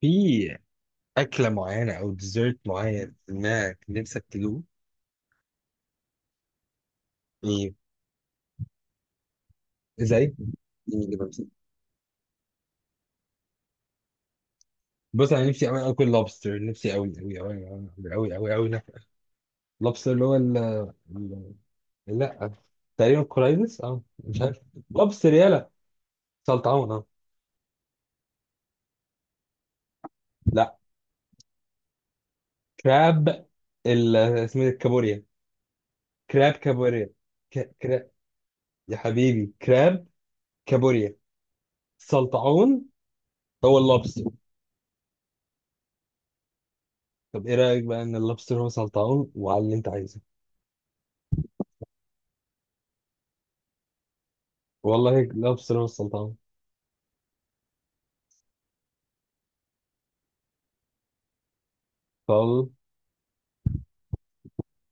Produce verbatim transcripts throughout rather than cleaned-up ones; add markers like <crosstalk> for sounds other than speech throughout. في أكلة معينة أو ديزرت معين إنك نفسك تدوق إيه؟ زي إيه؟ اللي بمسك. بص أنا نفسي أوي آكل لوبستر، نفسي أوي أوي أوي أوي أوي أوي أوي ناكل لوبستر اللي هو ال ال- لا، تقريبا كورايزس، أه مش عارف. لوبستر يلا. سلطعون أه. لا، كراب. ال اسمه إيه؟ الكابوريا، كراب، كابوريا، ك- كراب يا حبيبي، كراب، كابوريا، سلطعون، هو اللوبستر. طب ايه رأيك بقى ان اللوبستر هو سلطعون وعلى اللي انت عايزه؟ والله لابس سلام السلطعون.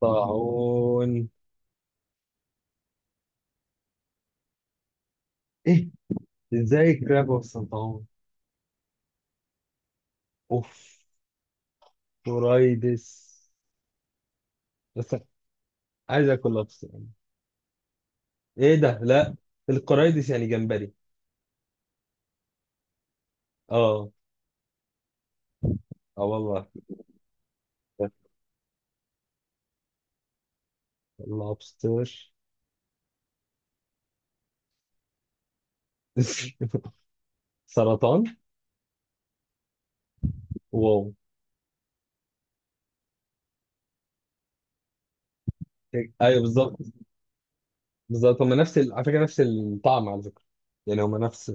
سلطعون. ايه؟ ازاي كراب والسلطعون؟ اوف. قرايدس بس. عايز اكل لابس يعني. ايه ده؟ لا، القرايدس يعني جمبري. اه. اه والله. لابستر. <laughs> سرطان. واو. ايوه بالظبط. بالظبط هما نفس ال... على فكره نفس الطعم على فكره. يعني هما نفس.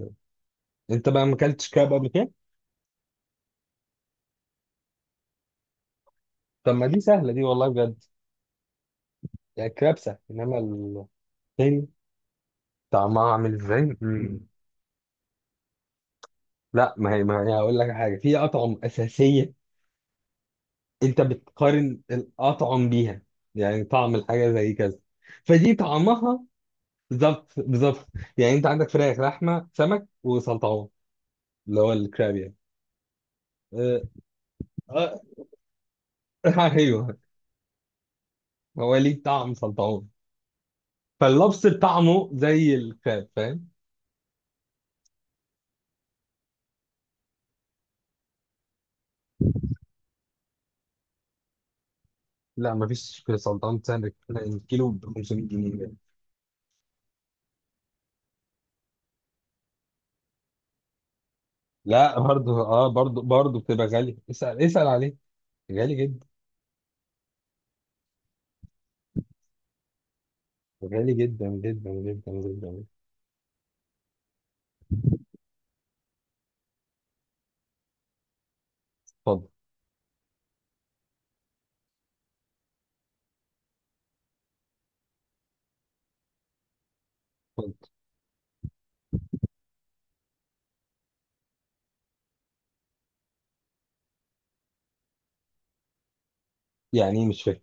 انت بقى ما اكلتش كراب قبل كده؟ طب ما دي سهله دي والله بجد. يعني الكراب سهل، انما التاني. طعمها عامل ازاي؟ مم. لا، ما هي ما هي هقول لك حاجه، في اطعم اساسيه انت بتقارن الاطعم بيها. يعني طعم الحاجه زي كذا، فدي طعمها. بالظبط بالظبط. يعني انت عندك فراخ، لحمه، سمك، وسلطعون اللي هو الكراب يعني. اه. آه، <laughs> ايوه. هو ليه طعم سلطعون. فاللبس بطعمه زي الكراب، فاهم؟ لا، مفيش سلطعون بتسعر الكيلو ب خمسمية جنيه. لا برضه اه برضه برضه بتبقى غالي، اسال اسال عليه. غالي جدا. غالي جدا جدا جدا جدا. اتفضل. اتفضل. يعني ايه؟ مش فاهم.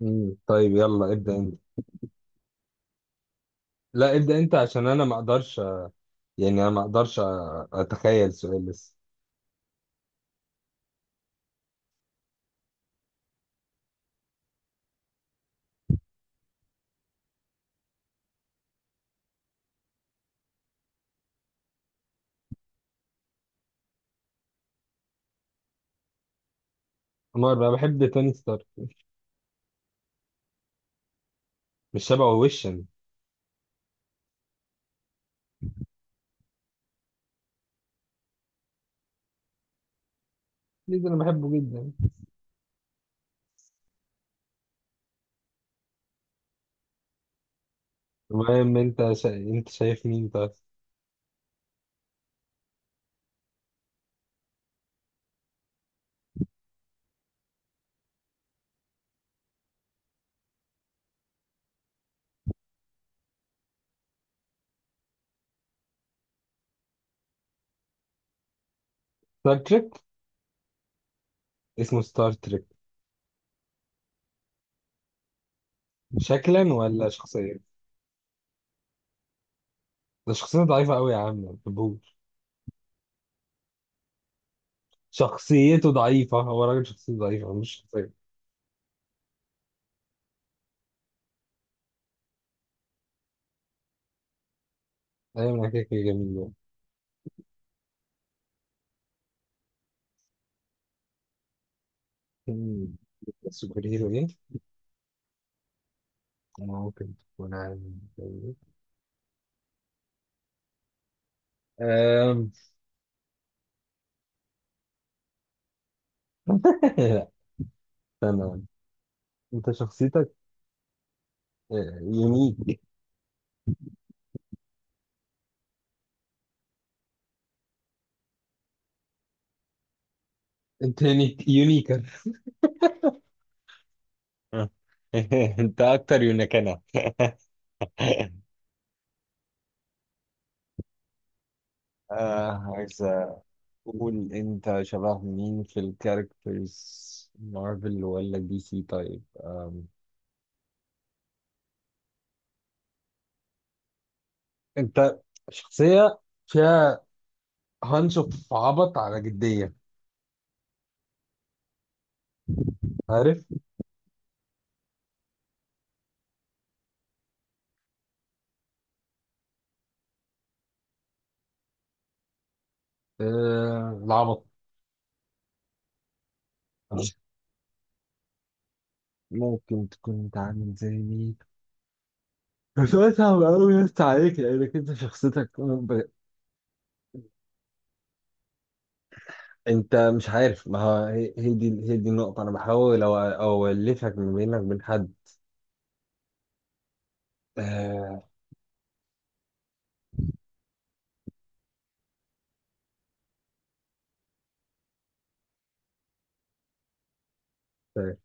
مم. طيب يلا ابدأ انت. لا ابدأ انت عشان انا ما اقدرش أ- يعني انا ما اقدرش أ- اتخيل سؤال لسه. نور بقى بحب توني ستارك. مش شبهه وشا. ليه ده؟ انا بحبه جدا. المهم، انت شا... انت شايف مين طيب؟ ستار تريك. اسمه ستار تريك. شكلا ولا شخصيا؟ ده شخصيته ضعيفة قوي يا عم، ما بحبوش. شخصيته ضعيفة، هو راجل شخصيته ضعيفة مش شخصية. ايوه انا كده كده جميل يعني. مم. سوبر هيرو. ممكن تكون عامل زي أم... <laughs> لا. استنى، انت شخصيتك يونيك. انت يونيك يونيكر. <laughs> انت اكتر يونيكنا. <laughs> آه عايز اقول انت شبه مين في الكاركترز، مارفل ولا دي سي؟ طيب، أم... انت شخصية فيها هانش اوف عبط على جدية، عارف؟ آه... العبط. ممكن تكون انت عامل زي مين؟ بس سؤال صعب قوي يا اسطى عليك، لانك انت شخصيتك ب- انت مش عارف. ما هو هي هي دي هي دي النقطة، انا بحاول أو- اولفك ما بينك وبين حد. آه، طيب.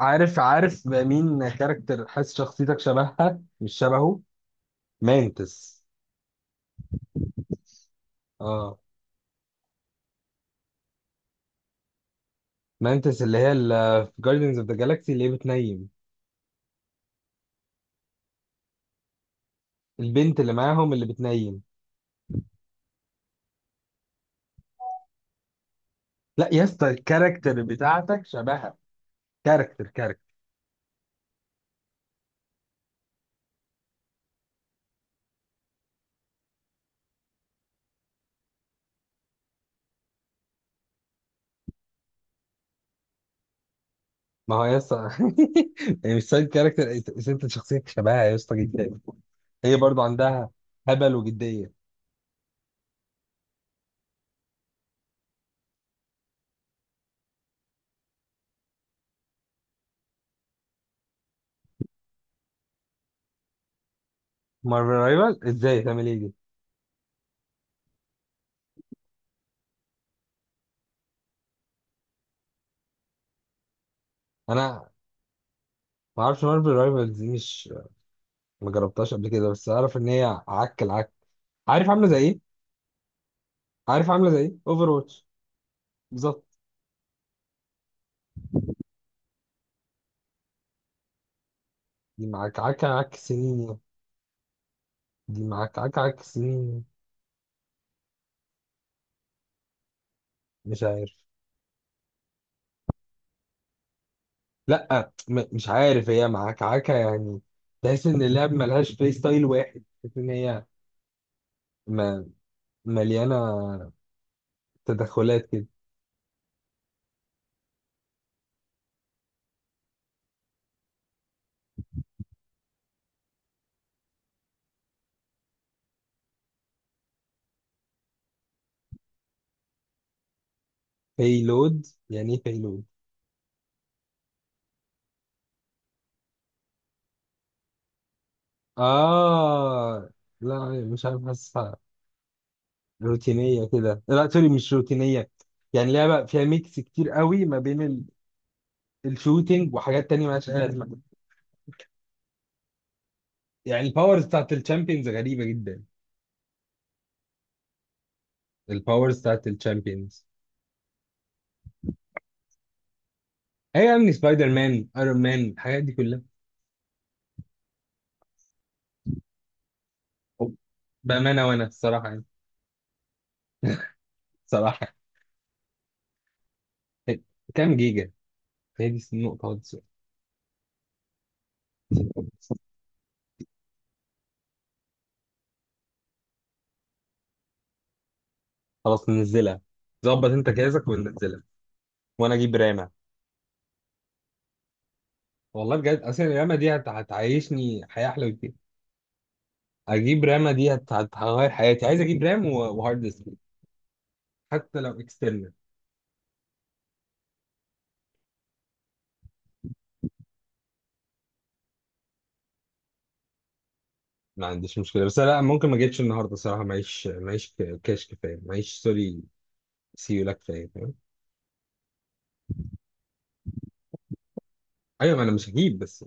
عارف عارف بقى مين كاركتر حاسس شخصيتك شبهها، مش شبهه. مانتس. اه. مانتس اللي هي اللي في جاردنز اوف ذا جالاكسي اللي هي بتنيم، البنت اللي معاهم اللي بتنيم. لا يا اسطى، الكاركتر بتاعتك شبهها. كاركتر كاركتر. ما هو يا اسطى. <laughs> يعني مش سايد كاركتر، ست شخصيتك شبهها يا اسطى جدا. هي برضو عندها هبل وجديه. مارفل رايفل ازاي؟ تعمل ايه دي؟ انا ما اعرفش مارفل رايفل دي، مش ما جربتهاش قبل كده، بس اعرف ان هي عك العك. عارف عامله زي ايه؟ عارف عامله زي ايه؟ اوفر واتش. بالظبط. دي معاك عك عك سنين. دي معاك عك عك سنين. مش عارف. لا، م- مش عارف، هي معاك عك يعني. تحس ان اللعب ملهاش بلاي ستايل واحد، تحس ان هي م- مليانه تدخلات كده. لود، يعني ايه لود؟ اه. لا مش عارف، حاسسها روتينيه كده. لا سوري، مش روتينيه. يعني لعبه فيها ميكس كتير قوي ما بين ال... الشوتينج وحاجات تانية مالهاش اي لازمه. يعني الباورز بتاعت الشامبيونز غريبه جدا. الباورز بتاعت الشامبيونز. ايوه يعني سبايدر مان، ايرون مان، الحاجات دي كلها. بامانه وانا الصراحه يعني. الصراحه. يعني. كام جيجا؟ هي دي النقطه خالص. خلاص ننزلها. ظبط انت جهازك وننزلها وانا اجيب رام. والله بجد، اصل الرامة دي هت- هتعيشني حياة احلى بكتير. اجيب رامة دي هت- هت- هتغير حياتي. عايز اجيب رام و- وهارد ديسك حتى لو اكسترنال. ما عنديش مشكلة، بس لا ممكن ما اجيبش النهاردة صراحة، معيش معيش ك- كاش كفاية، معيش سوري. سيولا كفاية، فاهم؟ ايوه ما انا مش هجيب بس.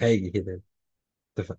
هاجي كده. انت